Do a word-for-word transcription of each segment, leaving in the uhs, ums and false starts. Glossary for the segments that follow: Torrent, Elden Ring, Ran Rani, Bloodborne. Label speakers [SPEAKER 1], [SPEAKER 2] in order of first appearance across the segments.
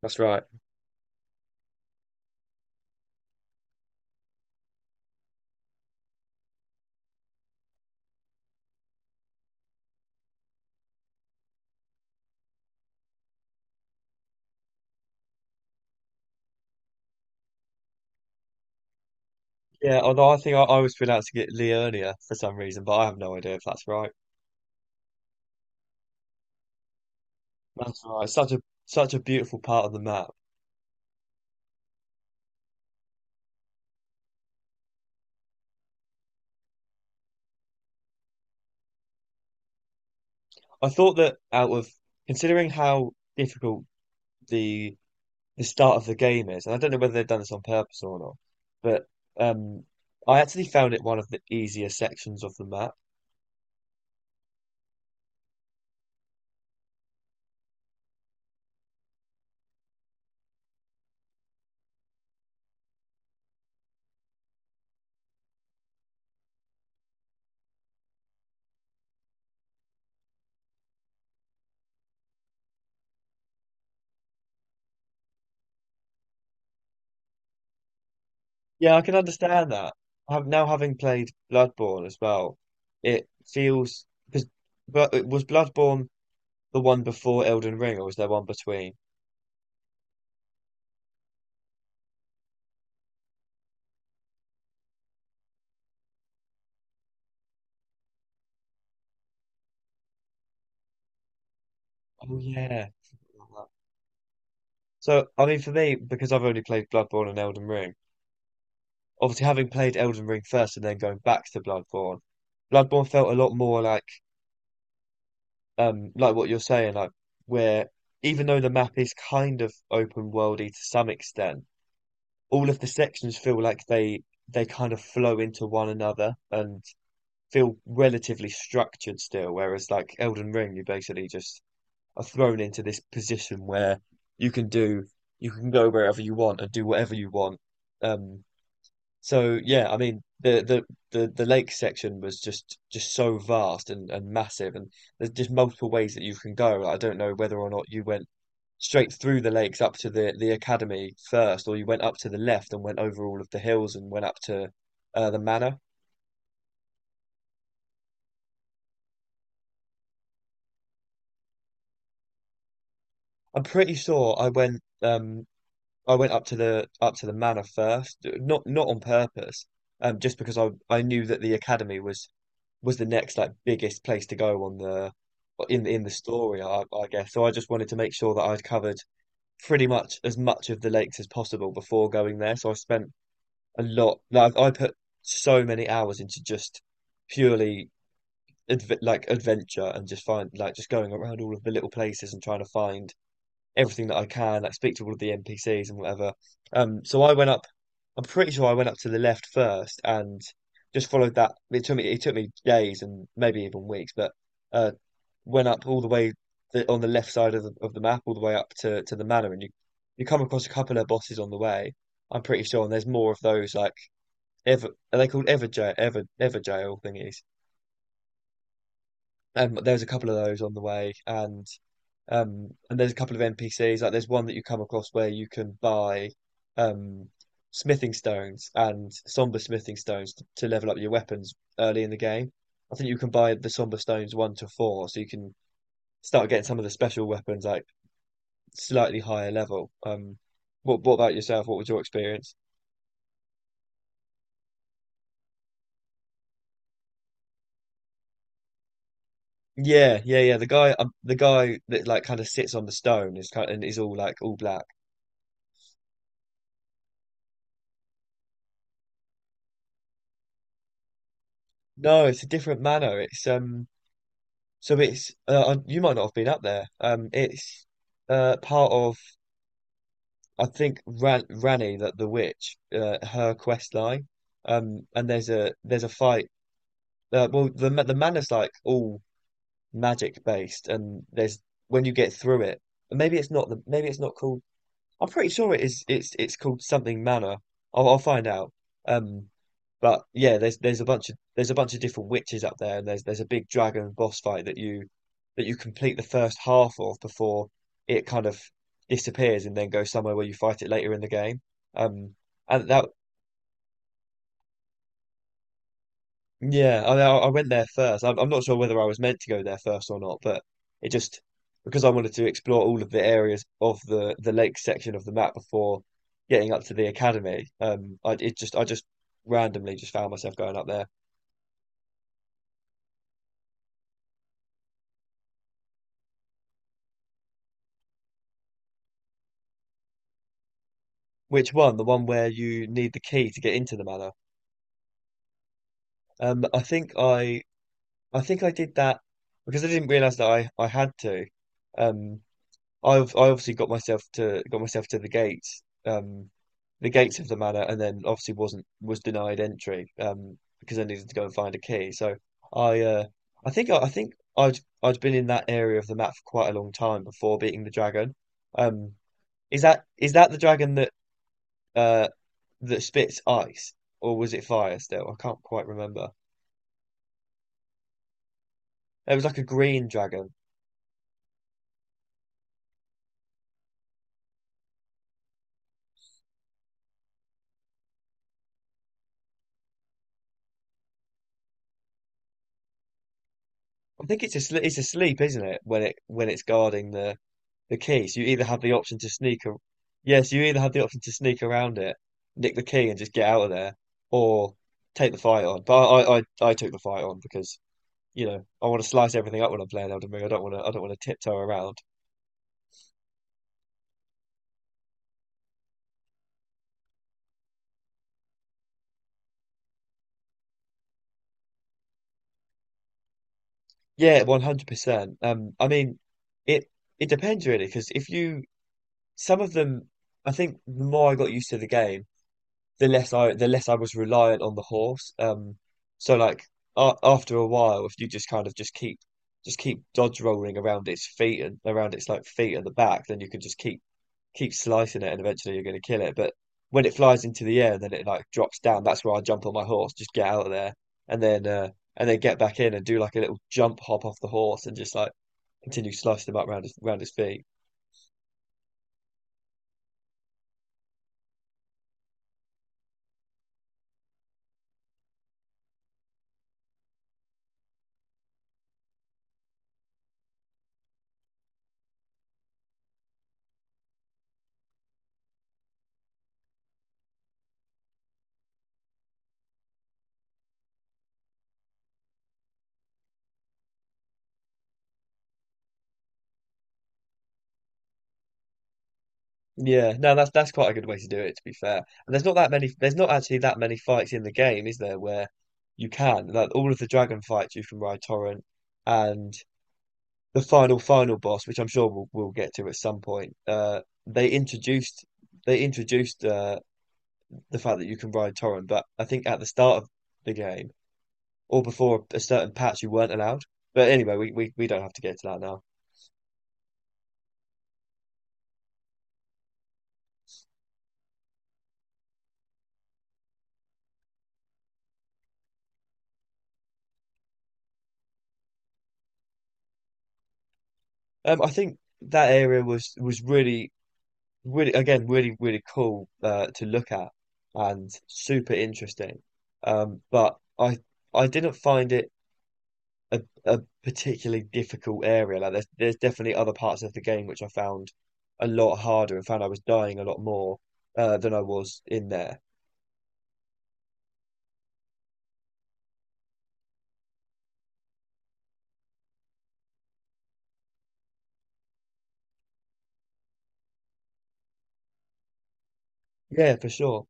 [SPEAKER 1] That's right. Yeah, although I think I, I was pronouncing it Leonia for some reason, but I have no idea if that's right. That's right. Such a such a beautiful part of the map. I thought that out of considering how difficult the the start of the game is, and I don't know whether they've done this on purpose or not, but um, I actually found it one of the easier sections of the map. Yeah, I can understand that. I have now having played Bloodborne as well, it feels because but it was Bloodborne the one before Elden Ring, or was there one between? Oh yeah. So I mean, for me, because I've only played Bloodborne and Elden Ring, obviously having played Elden Ring first and then going back to Bloodborne, Bloodborne felt a lot more like um like what you're saying, like where even though the map is kind of open worldy to some extent, all of the sections feel like they they kind of flow into one another and feel relatively structured still, whereas like Elden Ring, you basically just are thrown into this position where you can do you can go wherever you want and do whatever you want. Um, so yeah, I mean the, the the the lake section was just just so vast and, and massive, and there's just multiple ways that you can go. I don't know whether or not you went straight through the lakes up to the the academy first, or you went up to the left and went over all of the hills and went up to uh, the manor. I'm pretty sure I went um I went up to the up to the manor first, not not on purpose, um, just because I I knew that the academy was was the next like biggest place to go on the in the in the story, I, I guess. So I just wanted to make sure that I'd covered pretty much as much of the lakes as possible before going there. So I spent a lot, like I put so many hours into just purely adve like adventure and just find like just going around all of the little places and trying to find everything that I can, like speak to all of the N P Cs and whatever. Um, so I went up. I'm pretty sure I went up to the left first and just followed that. It took me it took me days and maybe even weeks, but uh, went up all the way the, on the left side of the of the map, all the way up to to the manor, and you you come across a couple of bosses on the way. I'm pretty sure, and there's more of those like ever. Are they called ever jail ever ever jail thingies? And there's a couple of those on the way, and um, and there's a couple of N P Cs, like there's one that you come across where you can buy um, smithing stones and somber smithing stones to, to level up your weapons early in the game. I think you can buy the somber stones one to four, so you can start getting some of the special weapons like slightly higher level. Um, what what about yourself? What was your experience? Yeah, yeah, yeah. The guy, um, the guy that like kind of sits on the stone is kind and is all like all black. No, it's a different manor. It's um. So it's uh, uh, you might not have been up there. Um, it's uh part of I think Ran Rani that the witch uh, her quest line. Um, and there's a there's a fight. Uh, well, the ma- the manor's like all magic based, and there's when you get through it. And maybe it's not the maybe it's not called I'm pretty sure it is. It's it's called something manor. I'll, I'll find out. Um, but yeah, there's there's a bunch of there's a bunch of different witches up there, and there's there's a big dragon boss fight that you that you complete the first half of before it kind of disappears and then goes somewhere where you fight it later in the game. Um, and that Yeah, I, I went there first. I'm, I'm not sure whether I was meant to go there first or not, but it just because I wanted to explore all of the areas of the the lake section of the map before getting up to the academy. Um, I it just I just randomly just found myself going up there. Which one? The one where you need the key to get into the manor. Um, I think I I think I did that because I didn't realize that I I had to. um, I've I obviously got myself to got myself to the gates, um, the gates of the manor, and then obviously wasn't was denied entry um, because I needed to go and find a key. So I uh, I think I, I think I'd I'd been in that area of the map for quite a long time before beating the dragon. Um, is that is that the dragon that uh, that spits ice, or was it fire still? I can't quite remember. It was like a green dragon. I think it's a it's asleep, isn't it? When it when it's guarding the the key. So you either have the option to sneak, a- yeah, so you either have the option to sneak around it, nick the key, and just get out of there, or take the fight on. But I, I, I took the fight on because you know I want to slice everything up when I'm playing Elden Ring. I don't want to, I don't want to tiptoe around. Yeah, one hundred percent. Um, I mean, it it depends really because if you some of them, I think the more I got used to the game, the less I the less I was reliant on the horse. Um, so like a after a while, if you just kind of just keep just keep dodge rolling around its feet and around its like feet and the back, then you can just keep keep slicing it, and eventually you're going to kill it. But when it flies into the air and then it like drops down, that's where I jump on my horse, just get out of there, and then uh, and then get back in and do like a little jump hop off the horse and just like continue slicing them up round his round his feet. Yeah, no, that's that's quite a good way to do it, to be fair. And there's not that many, there's not actually that many fights in the game, is there, where you can, like all of the dragon fights you can ride Torrent, and the final final boss, which I'm sure we'll, we'll get to at some point. Uh, they introduced they introduced uh, the fact that you can ride Torrent, but I think at the start of the game or before a certain patch, you weren't allowed. But anyway, we we, we don't have to get to that now. Um, I think that area was was really really again really really cool uh, to look at and super interesting, um, but I I didn't find it a, a particularly difficult area like there's there's definitely other parts of the game which I found a lot harder and found I was dying a lot more uh, than I was in there. Yeah, for sure,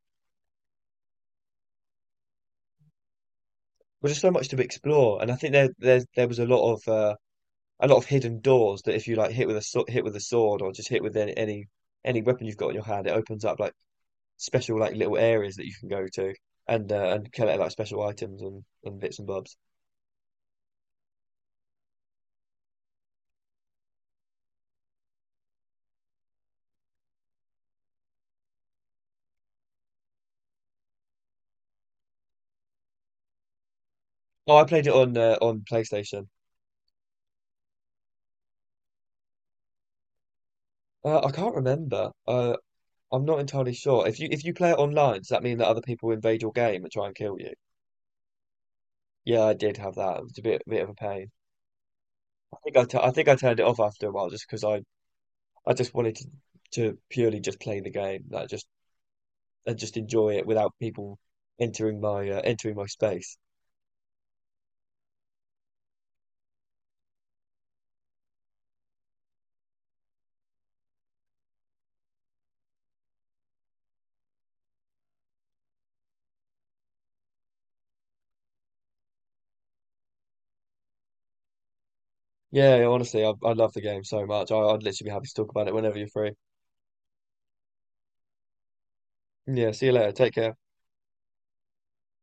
[SPEAKER 1] but there's so much to explore and I think there there there was a lot of uh, a lot of hidden doors that if you like hit with a sw- hit with a sword or just hit with any any any weapon you've got in your hand, it opens up like special like little areas that you can go to and uh, and collect like special items and, and bits and bobs. Oh, I played it on uh, on PlayStation. Uh, I can't remember. Uh, I'm not entirely sure. If you if you play it online, does that mean that other people invade your game and try and kill you? Yeah, I did have that. It was a bit bit of a pain. I think I, t I think I turned it off after a while just because I I just wanted to to purely just play the game, like just and just enjoy it without people entering my uh, entering my space. Yeah, honestly, I, I love the game so much. I, I'd literally be happy to talk about it whenever you're free. Yeah, see you later. Take care.